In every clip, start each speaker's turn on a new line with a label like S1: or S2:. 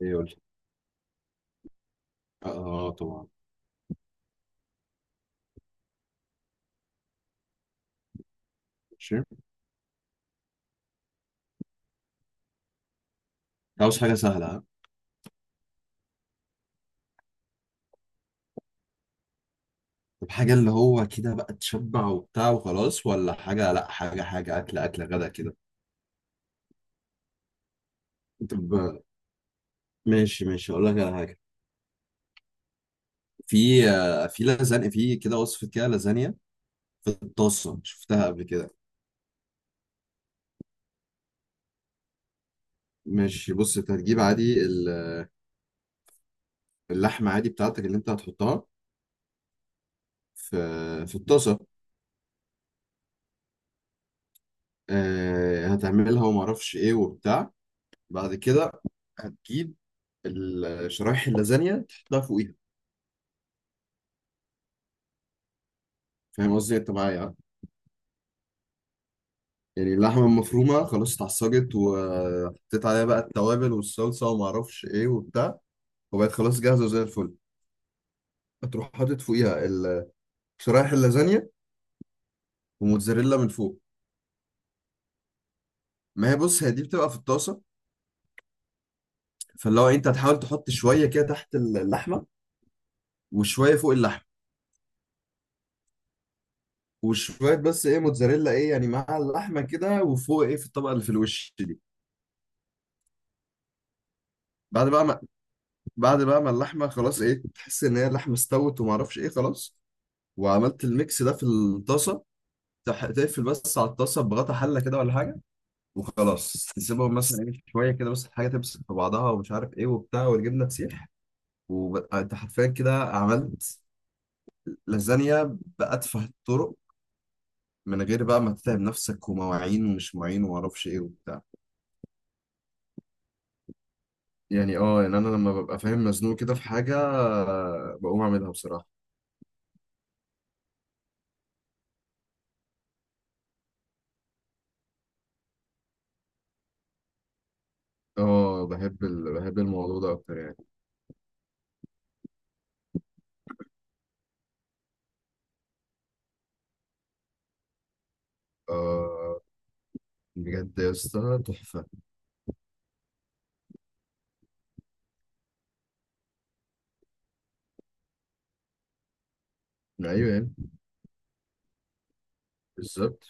S1: يقول لي. اه، طبعا. ماشي. عاوز حاجه سهله ها؟ طب، حاجه اللي هو كده بقى تشبع وبتاع وخلاص، ولا حاجه، لا حاجه حاجه، اكل غدا كده. طب، ماشي، ماشي، اقول لك على حاجه. في لازانيا، في كده وصفه كده لازانيا. في الطاسه، شفتها قبل كده. ماشي، بص، انت هتجيب عادي اللحمه عادي بتاعتك اللي انت هتحطها في في الطاسه. هتعملها وما اعرفش ايه وبتاع بعد كده. هتجيب شرايح اللازانيا تحطها فوقيها. فاهم قصدي انت معايا يعني؟ يعني اللحمه المفرومه خلاص اتعصجت وحطيت عليها بقى التوابل والصلصه وما اعرفش ايه وبتاع، وبقت خلاص جاهزه زي الفل. هتروح حاطط فوقيها شرايح اللازانيا وموتزاريلا من فوق. ما هي بص، هي دي بتبقى في الطاسه، فاللي هو انت هتحاول تحط شويه كده تحت اللحمه وشويه فوق اللحمه، وشويه بس ايه موتزاريلا ايه يعني مع اللحمه كده، وفوق ايه في الطبقه اللي في الوش دي. بعد بقى ما بعد بقى ما اللحمه خلاص ايه تحس ان هي اللحمه استوت وما اعرفش ايه خلاص، وعملت الميكس ده في الطاسه، تقفل بس على الطاسه بغطا حله كده ولا حاجه، وخلاص تسيبهم مثلا ايه شويه كده بس، الحاجه تمسك في بعضها ومش عارف ايه وبتاع، والجبنه تسيح، وانت حرفيا كده عملت لازانيا بأتفه الطرق، من غير بقى ما تتعب نفسك ومواعين ومش مواعين ومعرفش ايه وبتاع. يعني يعني انا لما ببقى فاهم مزنوق كده في حاجه، بقوم اعملها بصراحه. اه، بحب الموضوع ده اكتر يعني. اه، بجد يا اسطى تحفه. ايوه يعني. بالظبط.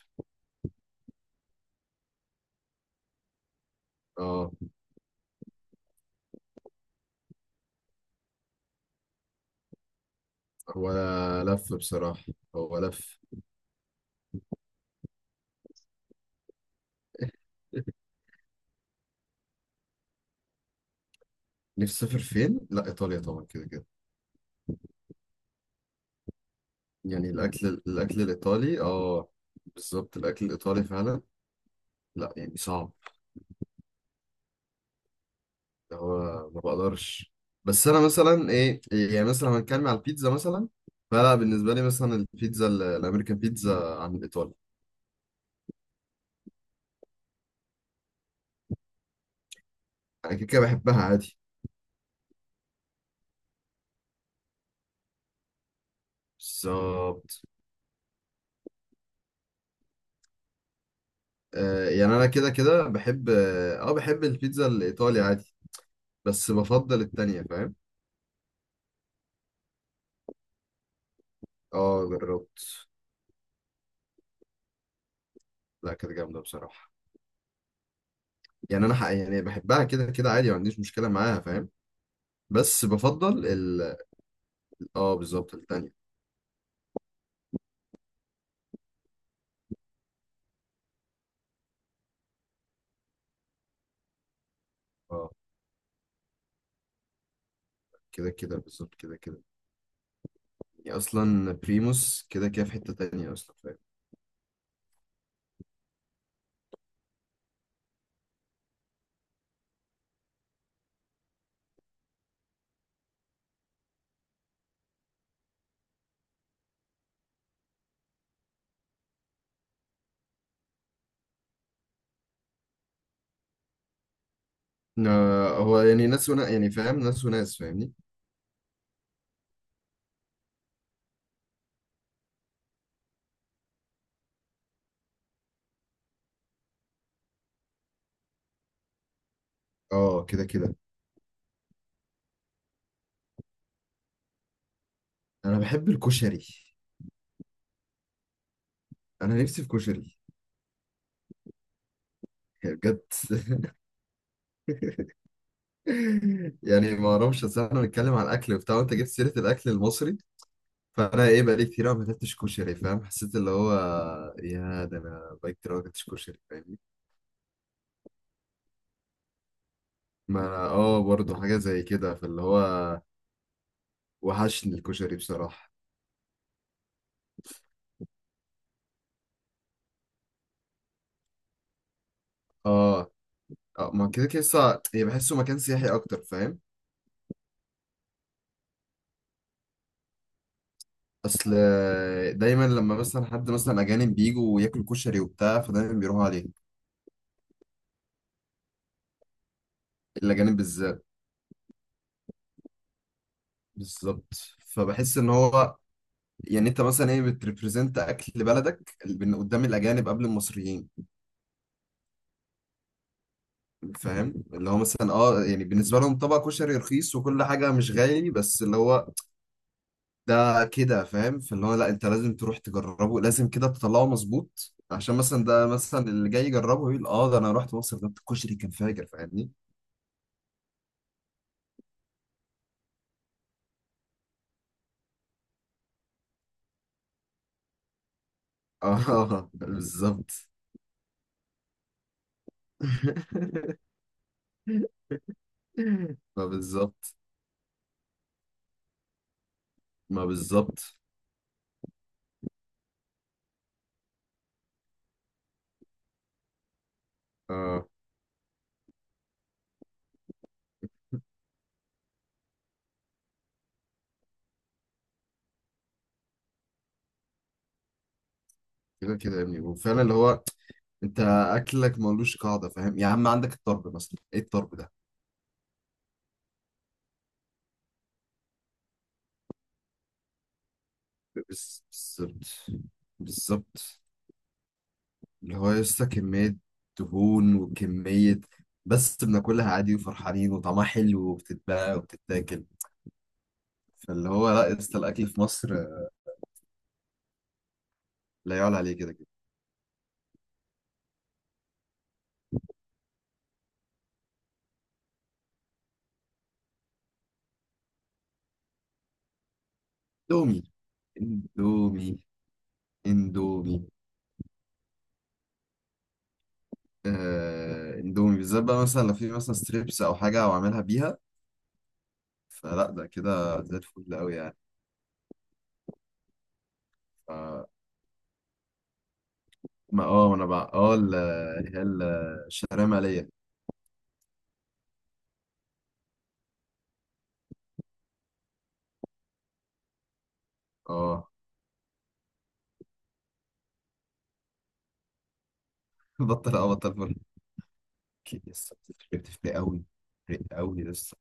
S1: اه، هو لف بصراحة. هو لف. نفسي اسافر فين؟ لا، ايطاليا طبعا، كده كده. يعني الاكل الايطالي اه. بالظبط، الاكل الايطالي فعلا. لا يعني صعب، اللي هو ما بقدرش. بس انا مثلا ايه، يعني مثلا لو هنتكلم على البيتزا مثلا، فلا بالنسبة لي مثلا البيتزا الامريكان بيتزا عن الايطالي. انا كده كده بحبها عادي. بالظبط. آه يعني انا كده كده بحب اه آه، بحب البيتزا الايطالي عادي، بس بفضل التانية فاهم. اه جربت. لا كانت جامدة بصراحة. يعني أنا حق يعني بحبها كده كده عادي، ما عنديش مشكلة معاها فاهم. بس بفضل ال اه بالظبط التانية. اه، كده كده بالظبط كده كده. يعني أصلا بريموس كده كده في حتة تانية أصلا فاهم. هو يعني ناس ونا يعني فاهم ناس وناس فاهمني. اه كده كده. أنا بحب الكشري. أنا نفسي في كشري. يعني بجد. يعني ما اعرفش، اصل احنا بنتكلم عن الاكل وبتاع وانت جبت سيره الاكل المصري، فانا ايه بقالي كتير قوي ما اكلتش كشري فاهم، حسيت اللي هو، يا ده انا بقالي كتير قوي ما اكلتش كشري فاهمني. ما أنا برضه حاجه زي كده فاللي هو وحشني الكشري بصراحه. اه، اه، ما كده كده هي بحسه مكان سياحي اكتر فاهم. اصل دايما لما مثلا حد مثلا اجانب بيجوا وياكلوا كشري وبتاع، فدايما بيروحوا عليه. الاجانب بالذات. بالظبط. فبحس ان هو، يعني انت مثلا ايه بتريبريزنت اكل بلدك قدام الاجانب قبل المصريين. فاهم اللي هو مثلا يعني بالنسبه لهم طبق كشري رخيص وكل حاجه مش غالي، بس اللي هو ده كده فاهم، فاللي هو لا، انت لازم تروح تجربه، لازم كده تطلعه مظبوط، عشان مثلا ده مثلا اللي جاي يجربه يقول اه ده انا رحت مصر، ده الكشري كان فاجر فاهمني. اه بالظبط. ما بالظبط، ما بالظبط. اه كده كده يا ابني، وفعلا اللي هو انت اكلك ملوش قاعده فاهم، يا عم عندك الطرب مثلا، ايه الطرب ده. بس- بالظبط، بالظبط، اللي هو لسه كمية دهون وكمية، بس بناكلها عادي وفرحانين وطعمها حلو وبتتباع وبتتاكل. فاللي هو لا يا اسطى، الأكل في مصر لا يعلى عليه كده كده. اندومي، اندومي، اندومي. اندومي بالذات بقى مثلا لو في مثلا ستريبس أو حاجة أو أعملها بيها، فلا ده كده زي الفل أوي يعني. ف- ما أنا بقى اللي هي الشعرية مالية. اه بطل فرق. يس، فرقت في أوي. فرقت أوي لسه.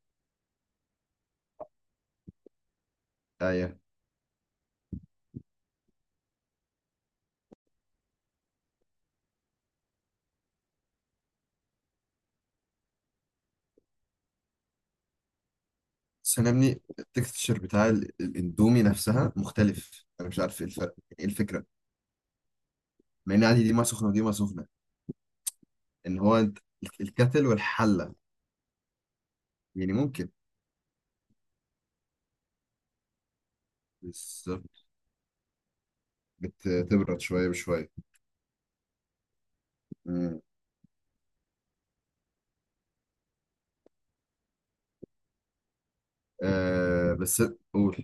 S1: بس انا يا ابني التكستشر بتاع الاندومي نفسها مختلف، انا مش عارف ايه الفرق ايه الفكره، مع ان عادي دي ميه سخنه ودي ميه سخنه. ان هو انت الكتل والحله، يعني ممكن بس بتبرد شويه بشويه. مم. بس قول.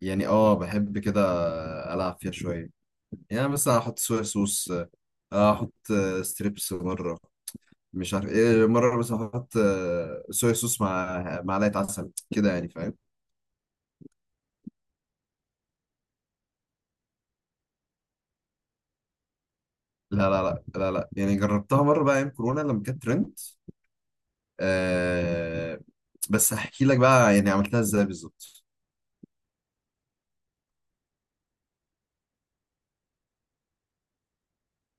S1: يعني بحب كده العب فيها شويه، يعني بس احط صويا صوص. احط ستريبس مره، مش عارف ايه مره، بس احط صويا صوص مع معلقه عسل كده يعني فاهم. لا، لا، لا، لا، لا، يعني جربتها مرة بقى أيام كورونا لما كانت ترند. آه بس هحكي لك بقى يعني عملتها ازاي بالظبط.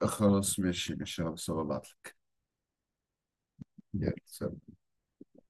S1: خلاص، ماشي، ماشي، خلاص هبعت لك. يلا سلام.